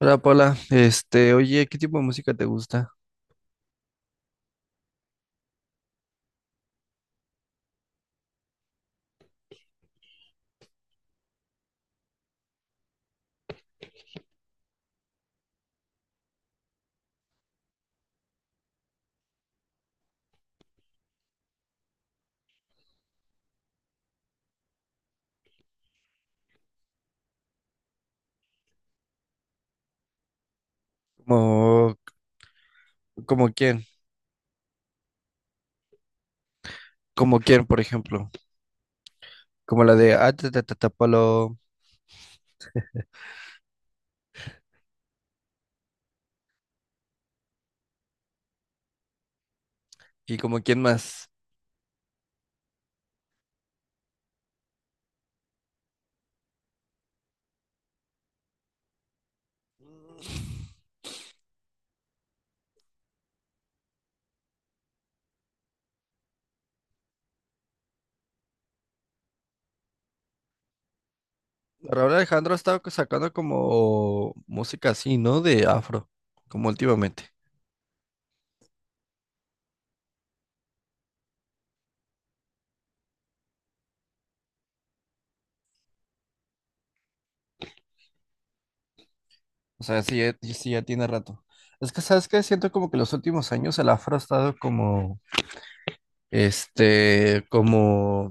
Hola Paula, oye, ¿qué tipo de música te gusta? Como, como quién, como quién, por ejemplo, como la de Atatatapalo y como quién más. Raúl Alejandro ha estado sacando como música así, ¿no? De afro, como últimamente. O sea, sí, sí ya tiene rato. Es que, ¿sabes qué? Siento como que los últimos años el afro ha estado como, como,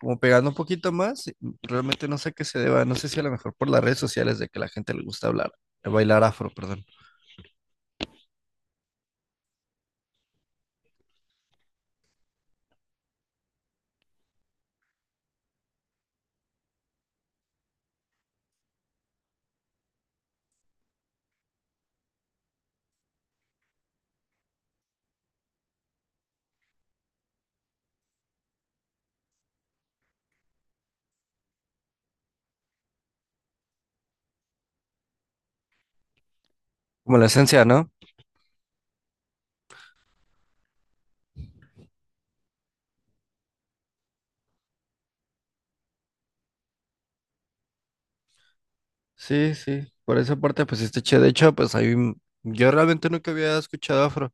como pegando un poquito más. Realmente no sé a qué se deba, no sé si a lo mejor por las redes sociales de que la gente le gusta hablar, bailar afro, perdón. Como la esencia, ¿no? Sí, sí, por esa parte pues este che, de hecho, pues ahí yo realmente nunca había escuchado afro.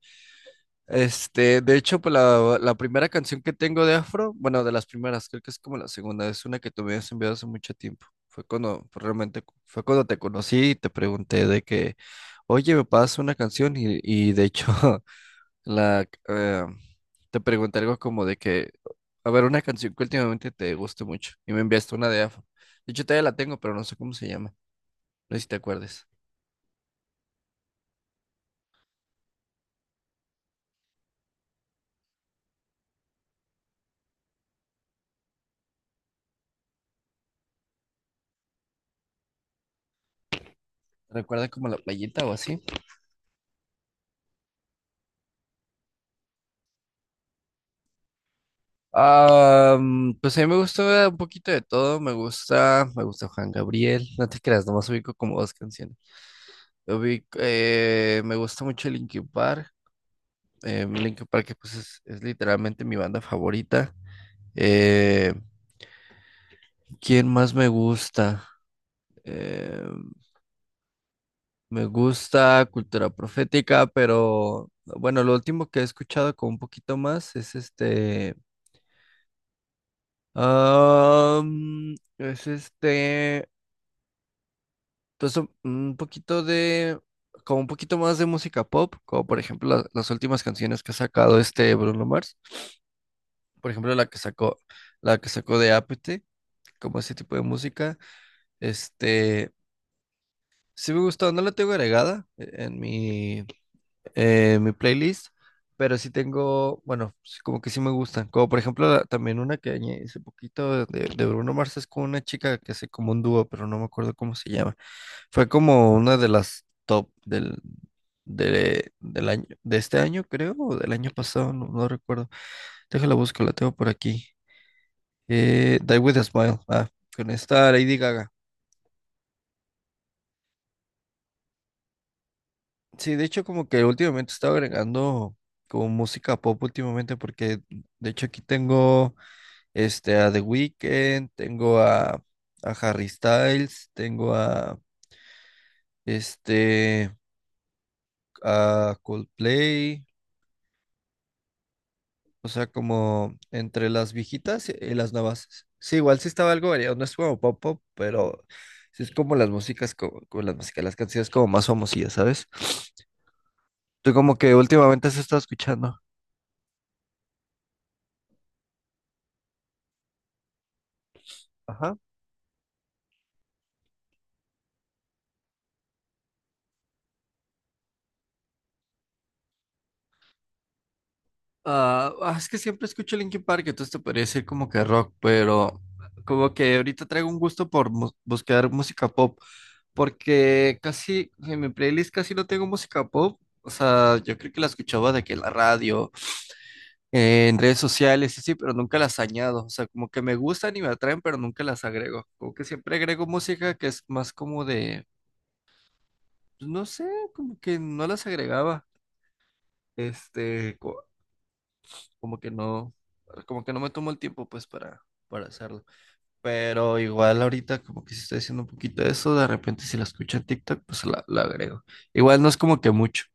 De hecho, pues la primera canción que tengo de Afro, bueno, de las primeras, creo que es como la segunda, es una que tú me habías enviado hace mucho tiempo. Fue cuando, pues, realmente, fue cuando te conocí y te pregunté de que, oye, me pasas una canción y de hecho, la, eh, te pregunté algo como de que, a ver, una canción que últimamente te guste mucho y me enviaste una de Afro. De hecho, todavía la tengo, pero no sé cómo se llama, no sé si te acuerdes. ¿Recuerda como la playita o así? Pues a mí me gusta un poquito de todo, me gusta Juan Gabriel, no te creas, nomás ubico como dos canciones. Ubico, me gusta mucho Linkin Park, Linkin Park que pues es literalmente mi banda favorita. Eh, ¿Quién más me gusta? Eh, me gusta Cultura Profética, pero bueno, lo último que he escuchado con un poquito más es este, es este. Entonces, un poquito de, como un poquito más de música pop, como por ejemplo las últimas canciones que ha sacado este Bruno Mars, por ejemplo la que sacó de Apathy, como ese tipo de música, este, sí me gustó, no la tengo agregada en mi, mi playlist, pero sí tengo, bueno, sí, como que sí me gustan. Como por ejemplo, también una que añadí hace poquito de Bruno Mars es con una chica que hace como un dúo, pero no me acuerdo cómo se llama. Fue como una de las top del, de, del año, de este año, creo, o del año pasado, no, no recuerdo. Déjala busco, la tengo por aquí. Die with a Smile, ah, con esta Lady Gaga. Sí, de hecho como que últimamente he estado agregando como música pop últimamente porque de hecho aquí tengo este a The Weeknd, a Harry Styles, tengo a este a Coldplay, o sea como entre las viejitas y las nuevas. Sí, igual sí estaba algo variado, no es como pop pop, pero sí es como las músicas como, las músicas, las canciones como más famosillas, ¿sabes? Tú como que últimamente has estado escuchando. Ajá. Es que siempre escucho Linkin Park, entonces te podría decir como que rock, pero como que ahorita traigo un gusto por buscar música pop, porque casi en mi playlist casi no tengo música pop. O sea, yo creo que la escuchaba de que en la radio, en redes sociales, sí, sí, pero nunca las añado. O sea, como que me gustan y me atraen, pero nunca las agrego. Como que siempre agrego música que es más como de, pues, no sé, como que no las agregaba. Este, co- como que no, como que no me tomo el tiempo pues para hacerlo. Pero igual ahorita como que si estoy haciendo un poquito de eso, de repente si la escucho en TikTok, pues la agrego. Igual no es como que mucho,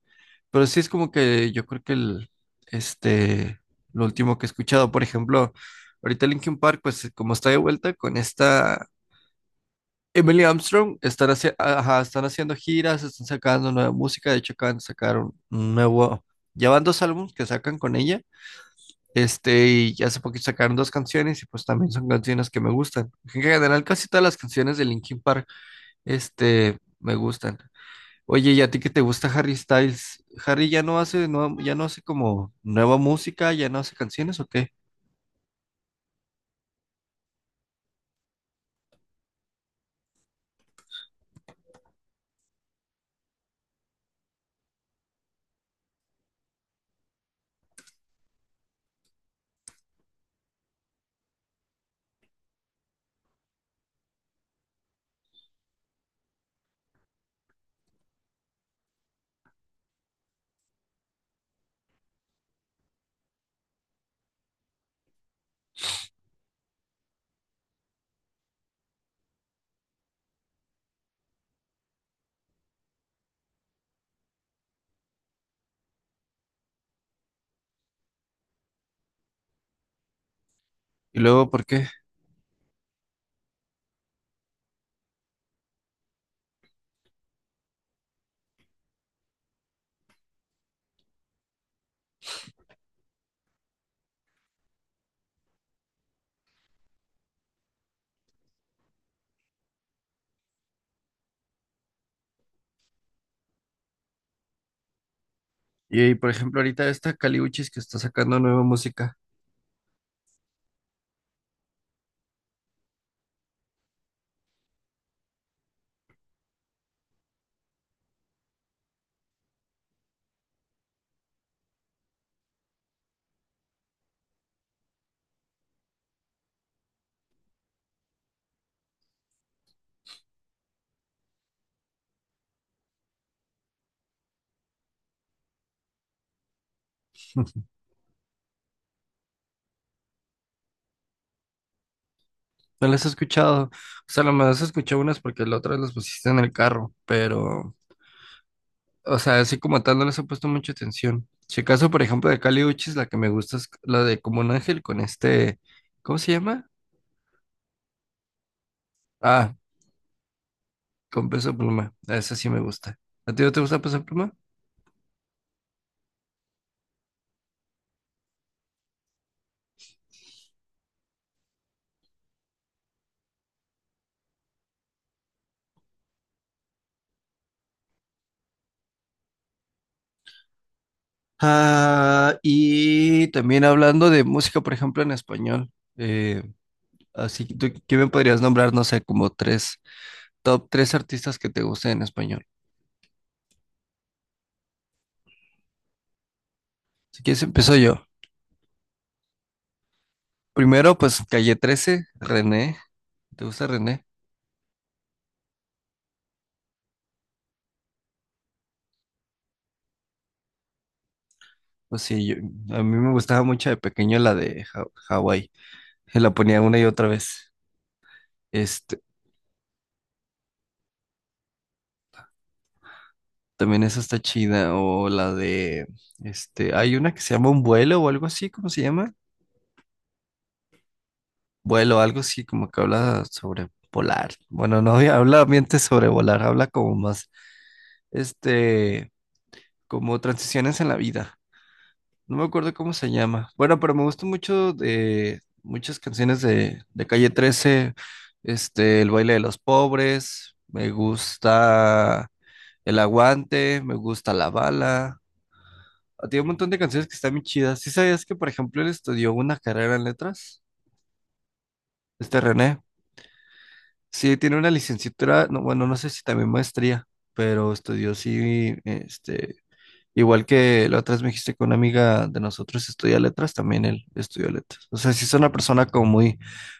pero sí es como que yo creo que el, este, lo último que he escuchado, por ejemplo, ahorita Linkin Park, pues como está de vuelta con esta... Emily Armstrong están, ajá, están haciendo giras, están sacando nueva música, de hecho acaban de sacar un nuevo, ya van dos álbumes que sacan con ella, y hace poquito sacaron dos canciones y pues también son canciones que me gustan. En general, casi todas las canciones de Linkin Park, me gustan. Oye, ¿y a ti que te gusta Harry Styles? ¿Harry ya no hace, no, ya no hace como nueva música, ya no hace canciones o qué? Y luego, ¿por qué? Y, por ejemplo, ahorita esta Caliuchis que está sacando nueva música, no las he escuchado. O sea, nomás he escuchado unas porque la otra las pusiste en el carro, pero o sea, así como tal, no les he puesto mucha atención. Si acaso, por ejemplo, de Kali Uchis, la que me gusta es la de Como un Ángel con este. ¿Cómo se llama? Ah, con Peso Pluma. Esa sí me gusta. ¿A ti no te gusta Peso Pluma? Ah, y también hablando de música, por ejemplo, en español. eh, así que tú, ¿qué me podrías nombrar? No sé, como tres, top tres artistas que te gusten en español. Si quieres, empiezo yo. Primero, pues Calle trece, René. ¿Te gusta René? Pues sí, a mí me gustaba mucho de pequeño la de Hawái. Se la ponía una y otra vez. Este, también esa está chida. O la de, hay una que se llama Un vuelo o algo así, ¿cómo se llama? Vuelo, algo así, como que habla sobre volar. Bueno, no habla ambiente sobre volar, habla como más, este, como transiciones en la vida. No me acuerdo cómo se llama. Bueno, pero me gustan mucho de muchas canciones de Calle 13. El baile de los pobres. Me gusta El aguante. Me gusta La bala. Ah, tiene un montón de canciones que están muy chidas. ¿Sí sabías que, por ejemplo, él estudió una carrera en letras? Este René. Sí, tiene una licenciatura. No, bueno, no sé si también maestría, pero estudió sí, igual que la otra vez me dijiste que una amiga de nosotros estudia letras, también él estudió letras. O sea, sí es una persona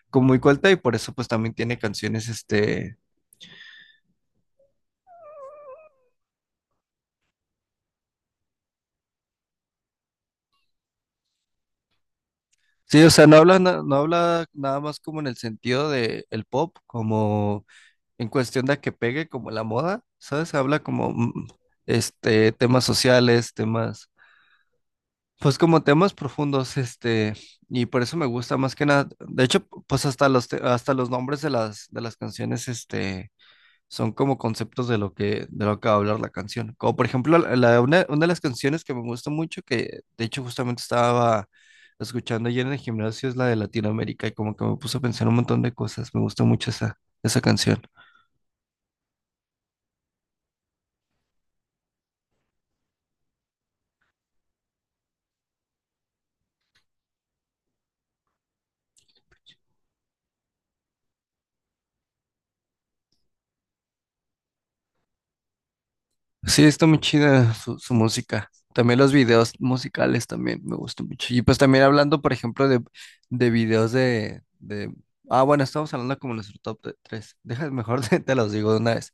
como muy culta y por eso pues también tiene canciones, este... Sí, o sea, no habla, no, habla nada más como en el sentido de el pop, como en cuestión de que pegue como la moda, ¿sabes? Habla como, temas sociales, temas, pues como temas profundos, y por eso me gusta más que nada. De hecho, pues hasta los, hasta los nombres de las canciones, son como conceptos de lo que va a hablar la canción. Como por ejemplo, la, una de las canciones que me gusta mucho, que de hecho justamente estaba escuchando ayer en el gimnasio, es la de Latinoamérica y como que me puso a pensar un montón de cosas. Me gusta mucho esa, esa canción. Sí, está muy chida su, su música. También los videos musicales también me gustan mucho. Y pues también hablando, por ejemplo, de videos de... Ah, bueno, estamos hablando como nuestro top tres. Deja, mejor te los digo de una vez.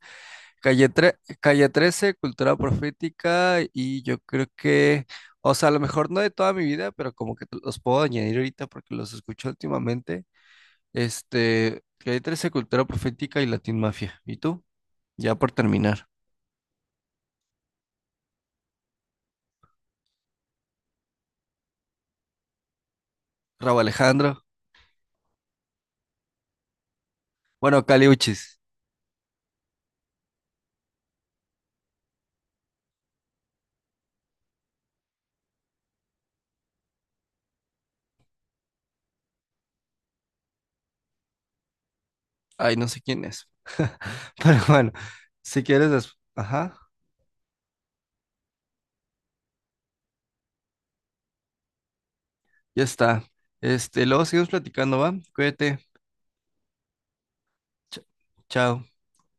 Calle, Calle trece Cultura Profética y yo creo que, o sea, a lo mejor no de toda mi vida, pero como que los puedo añadir ahorita porque los escucho últimamente. Calle trece Cultura Profética y Latin Mafia. ¿Y tú? Ya por terminar. Rauw Alejandro. Bueno, Caliuchis. Ay, no sé quién es. Pero bueno, si quieres, ajá, ya está. Luego seguimos platicando, ¿va? Cuídate. Ch- chao.